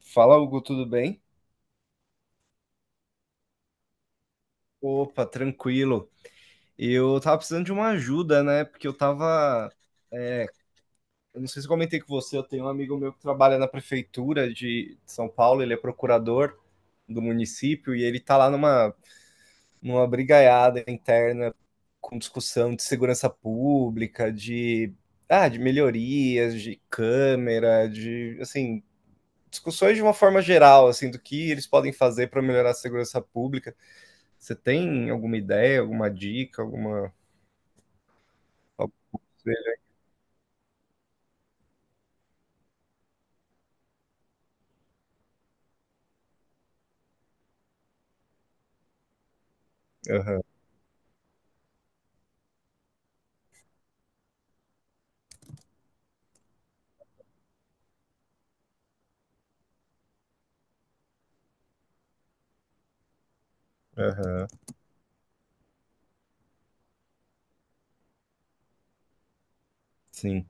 Fala, Hugo, tudo bem? Opa, tranquilo. Eu tava precisando de uma ajuda, né? Porque eu tava. É, Eu não sei se eu comentei com você, eu tenho um amigo meu que trabalha na prefeitura de São Paulo, ele é procurador do município e ele tá lá numa brigaiada interna com discussão de segurança pública, de melhorias, de câmera, de, assim, discussões de uma forma geral, assim, do que eles podem fazer para melhorar a segurança pública. Você tem alguma ideia, alguma dica, alguma. Algo que Aham, aham, sim,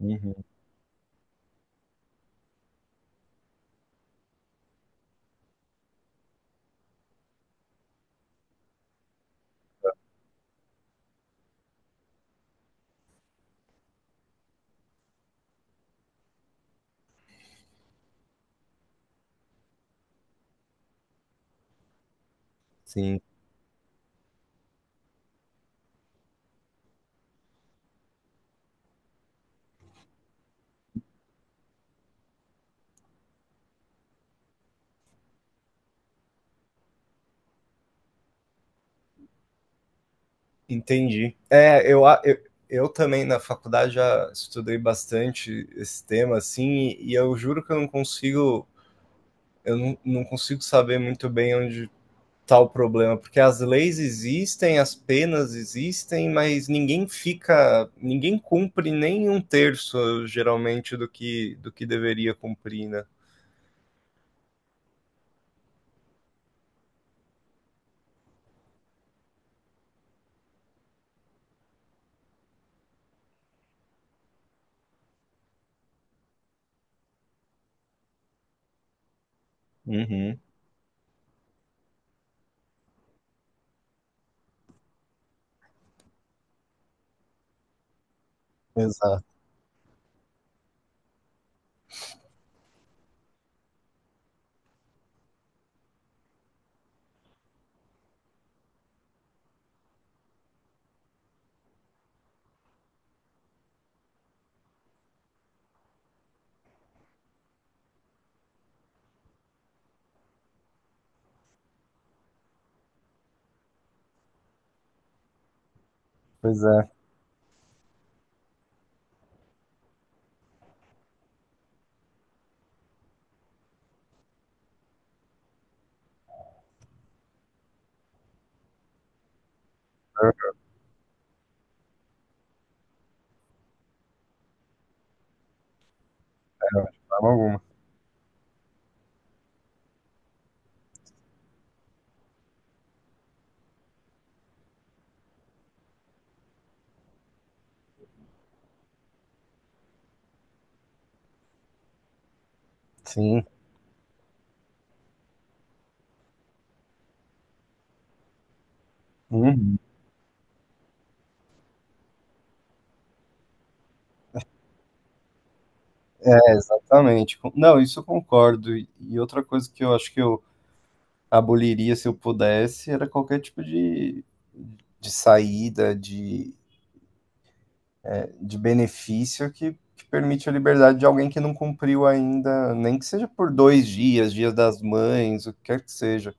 uhum, sim, entendi. Eu também na faculdade já estudei bastante esse tema, assim, e eu juro que eu não consigo, eu não consigo saber muito bem onde está o problema, porque as leis existem, as penas existem, mas ninguém fica, ninguém cumpre nem um terço, geralmente, do que deveria cumprir, né? Uhum. Exato. Pois é, é, de forma alguma. Sim. Uhum. É, exatamente. Não, isso eu concordo. E outra coisa que eu acho que eu aboliria se eu pudesse era qualquer tipo de saída, de benefício que permite a liberdade de alguém que não cumpriu ainda, nem que seja por dois dias, dias das mães, o que quer que seja.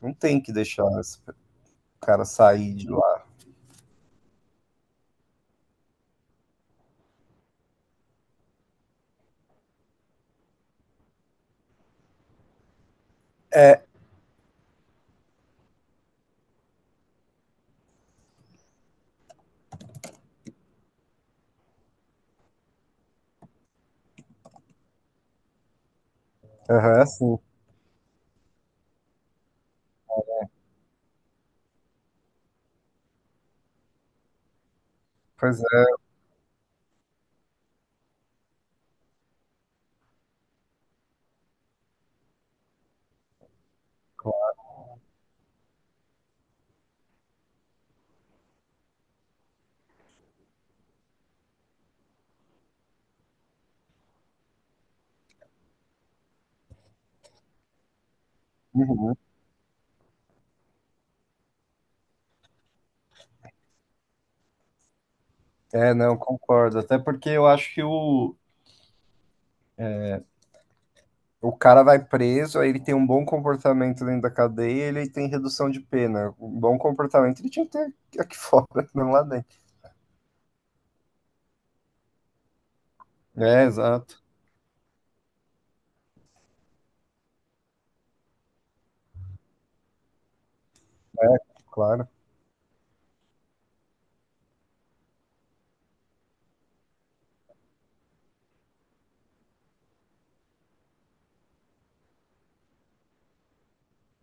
Não tem que deixar esse cara sair de lá. É, aham, sim. Pois é. Uhum. É, não, concordo. Até porque eu acho que o, O cara vai preso, aí ele tem um bom comportamento dentro da cadeia, ele tem redução de pena. Um bom comportamento ele tinha que ter aqui fora, não lá dentro. É, exato, claro.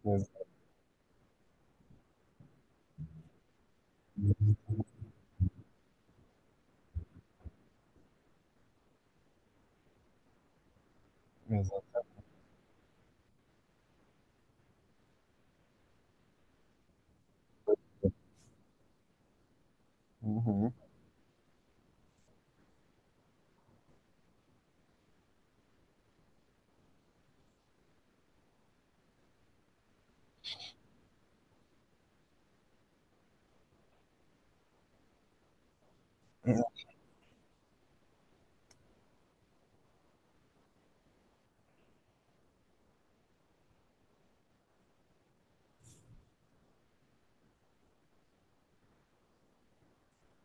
Ex- Exato. Uhum,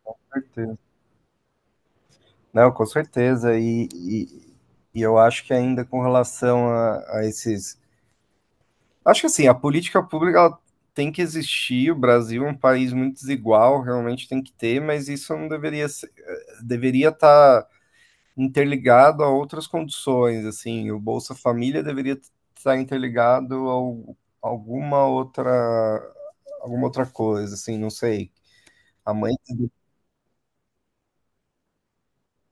com certeza. Não, com certeza. E eu acho que ainda com relação a esses. Acho que assim, a política pública ela tem que existir. O Brasil é um país muito desigual, realmente tem que ter, mas isso não deveria ser, deveria estar interligado a outras condições, assim, o Bolsa Família deveria estar interligado a alguma outra coisa, assim, não sei. A mãe,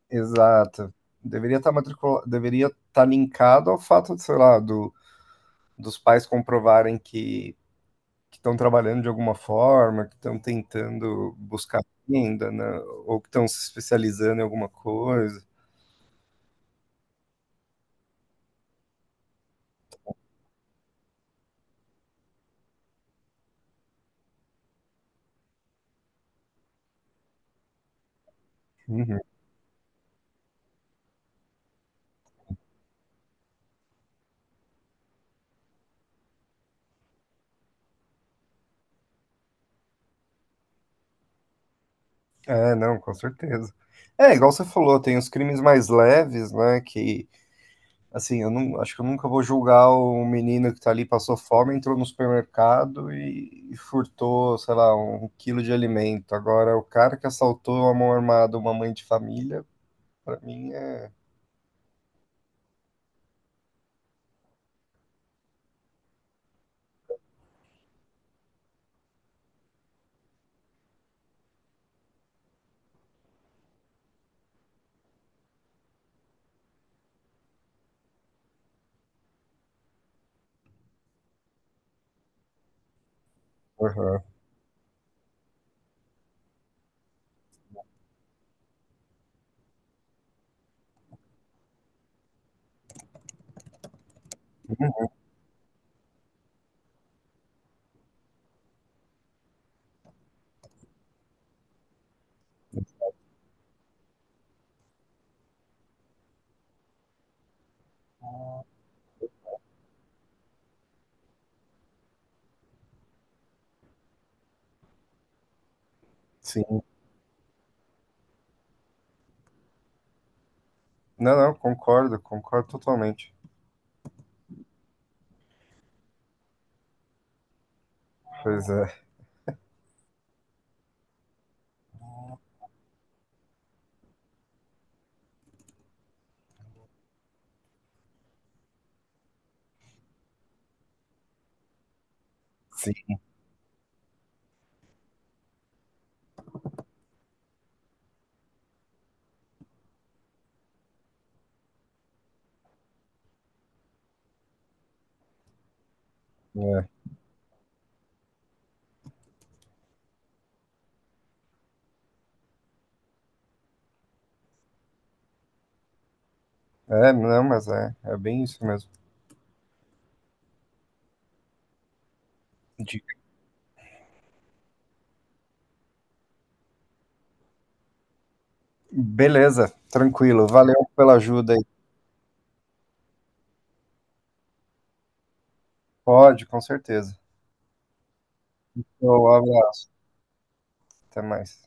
exato, deveria estar matricula, deveria estar linkado ao fato, de, sei lá, do, dos pais comprovarem que estão trabalhando de alguma forma, que estão tentando buscar renda, né, ou que estão se especializando em alguma coisa. Uhum. É, não, com certeza. É, igual você falou, tem os crimes mais leves, né? Que, assim, eu não, acho que eu nunca vou julgar o menino que tá ali, passou fome, entrou no supermercado e furtou, sei lá, um quilo de alimento. Agora, o cara que assaltou a mão armada uma mãe de família, pra mim é. Aham, sim. Não, não, concordo, concordo totalmente. Pois é, sim. É, é, não, mas é, é bem isso mesmo. De- Beleza, tranquilo. Valeu pela ajuda aí. Pode, com certeza. Show, um abraço, até mais.